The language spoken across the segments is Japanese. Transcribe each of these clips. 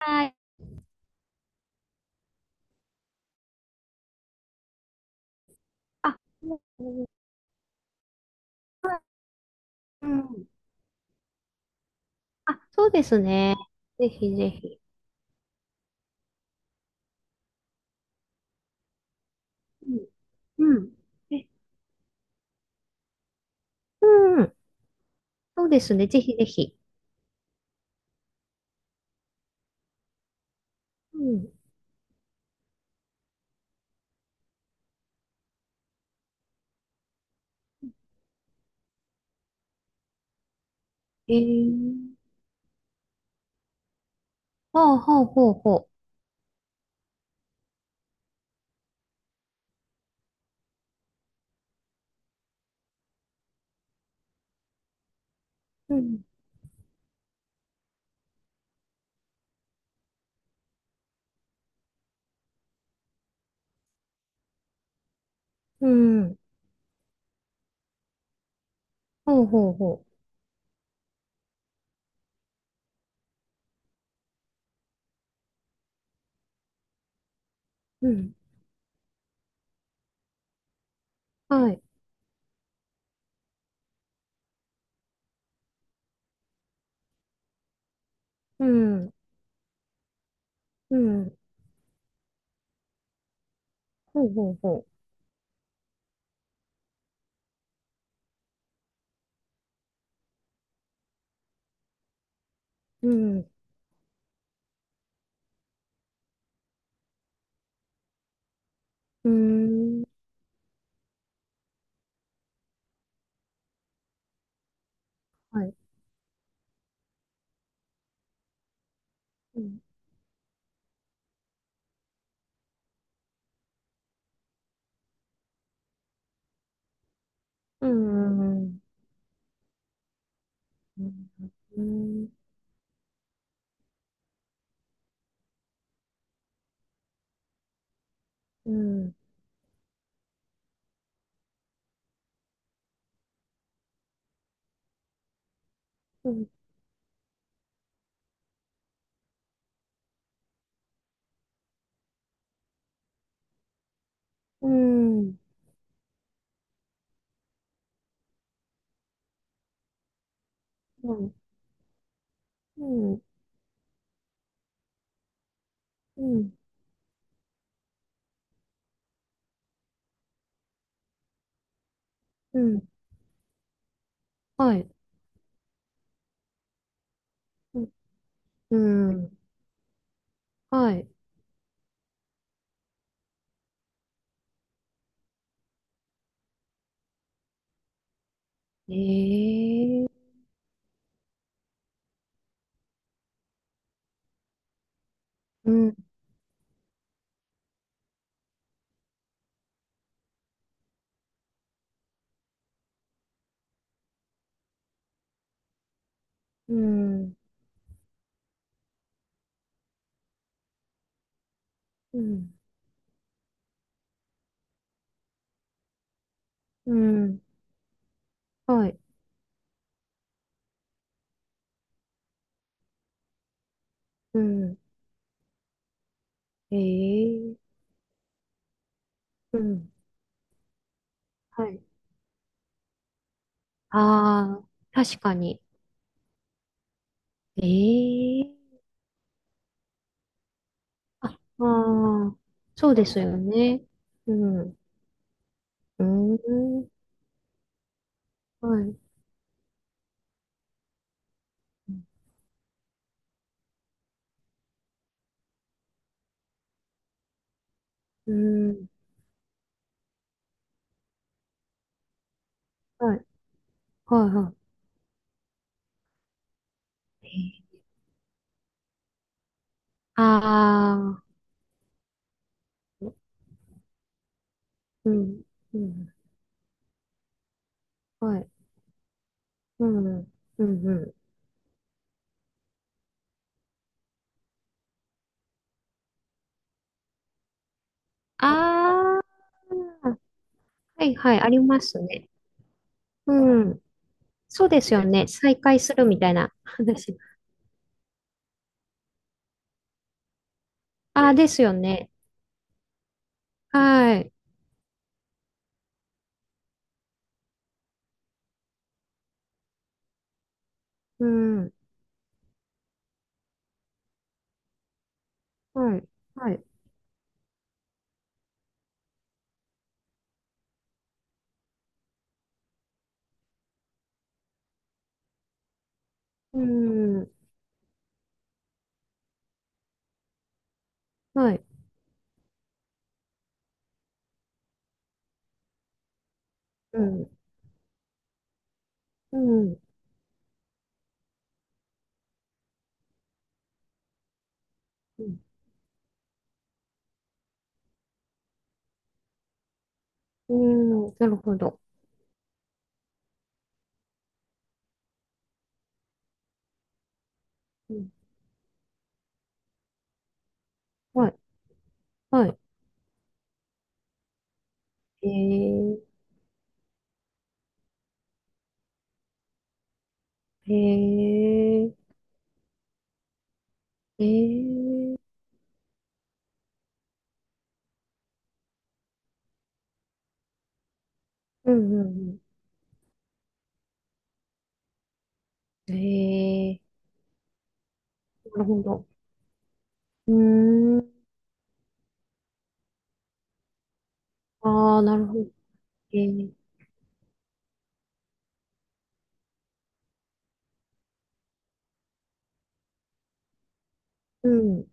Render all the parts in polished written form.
はい。あ、うんうん。あ、そうですね。ぜひぜひ。うん。うん。え、うん。そうですね。ぜひぜひ。うん。えー。ほうほうほうほう。うん。うん。ほうほうほう。うん。はい。うん。うん。ほうほうほう。うん。うーん。はい。うん。うん。うんうん。うん。うん。うん。うん。うん。うん。うん。はい。うん。はい。ええ、うん、うん、うん、うん、はい、うん、ええ、うん、はい。ああ、確かに。ええ、あ、ああ、そうですよね。うん、うん、はい、うん、はい、はい、はい。ああー、うん、うん、はい、うん、うん、うん。ああ、はい、はい、ありますね。うん。そうですよね。ね、再開するみたいな話。ああ、ねですよね。はい。うん。はい。はい。うん。はい。うん。うん。うん。うん、なるほど。うん。はい。はい。えー。えー。えー。うん。うん。えー。なるほど。うーん。ああ、なるほど。えー。うん。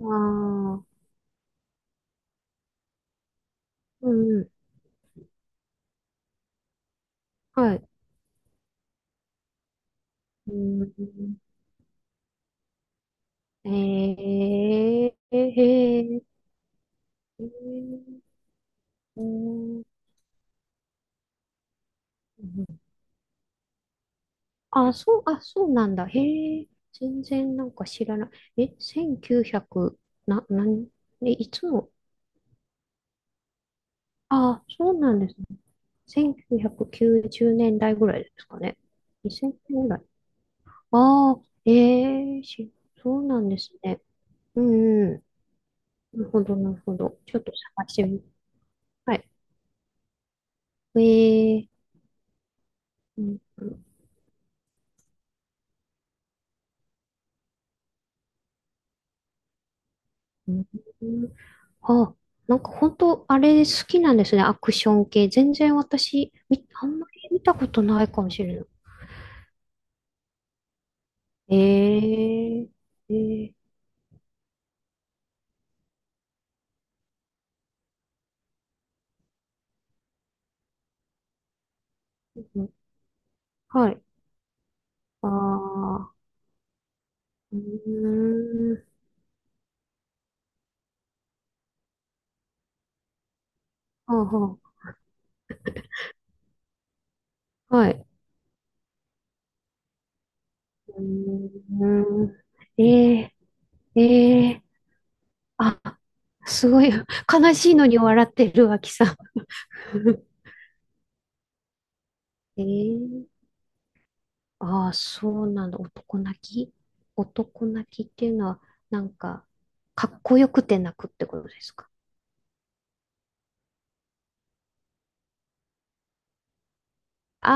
ああ。うん。はい。うん。えー、へー、えー、うん、あ、そう、あ、そうなんだ。へえ、全然なんか知らない。え、1900、な、なん、え、いつの、あ、そうなんですね。1990年代ぐらいですかね。2000年ぐらい。ああ、ええし、そうなんですね。うん、うん。なるほど、なるほど。ちょっと探してみ、はい。ええ、うん、うん、うん、あ、なんか本当あれ好きなんですね。アクション系。全然私、あんまり見たことないかもしれない。えー、えー、うん、はい。ああ、うーん、はあはあ、はい。うーん、えー、えー、あ、すごい、悲しいのに笑ってる、脇さん。えー、ああ、そうなんだ。男泣き男泣きっていうのは、なんか、かっこよくて泣くってことですか。あ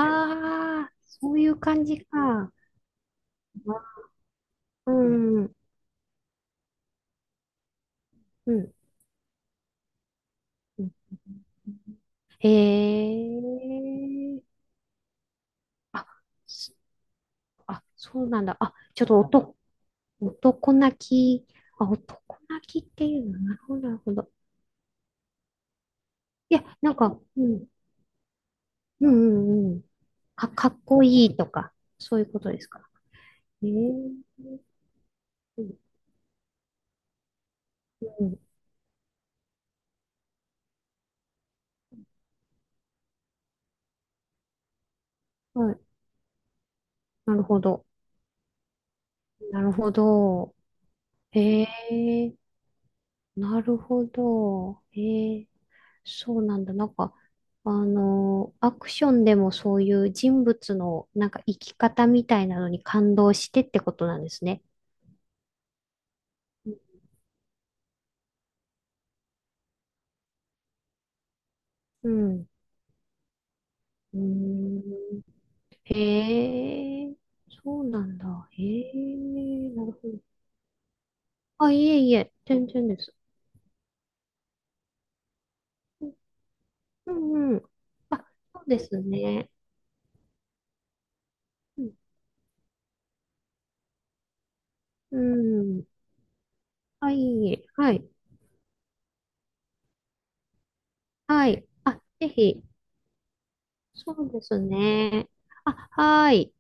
あ、そういう感じか。うん、うん、うん。へえ。あ、そあ、そうなんだ。あ、ちょっと男、男泣き。あ、男泣きっていうの。なるほど、なるほど。いや、なんか、うん、うん、うん、うん。かっこいいとか、そういうことですか。へえ。うん、うん、はい、なるほど。なるほど。へえ、なるほど。へえ、そうなんだ。なんか、あの、アクションでもそういう人物のなんか生き方みたいなのに感動してってことなんですね。うん。うーん。へえ、そうなんだ。へえ、なるほど。あ、いえいえ、全然です。うんうん。あ、そうですね。うん。うん、はい、はい、はい。あ、ぜひ。そうですね。あ、はい。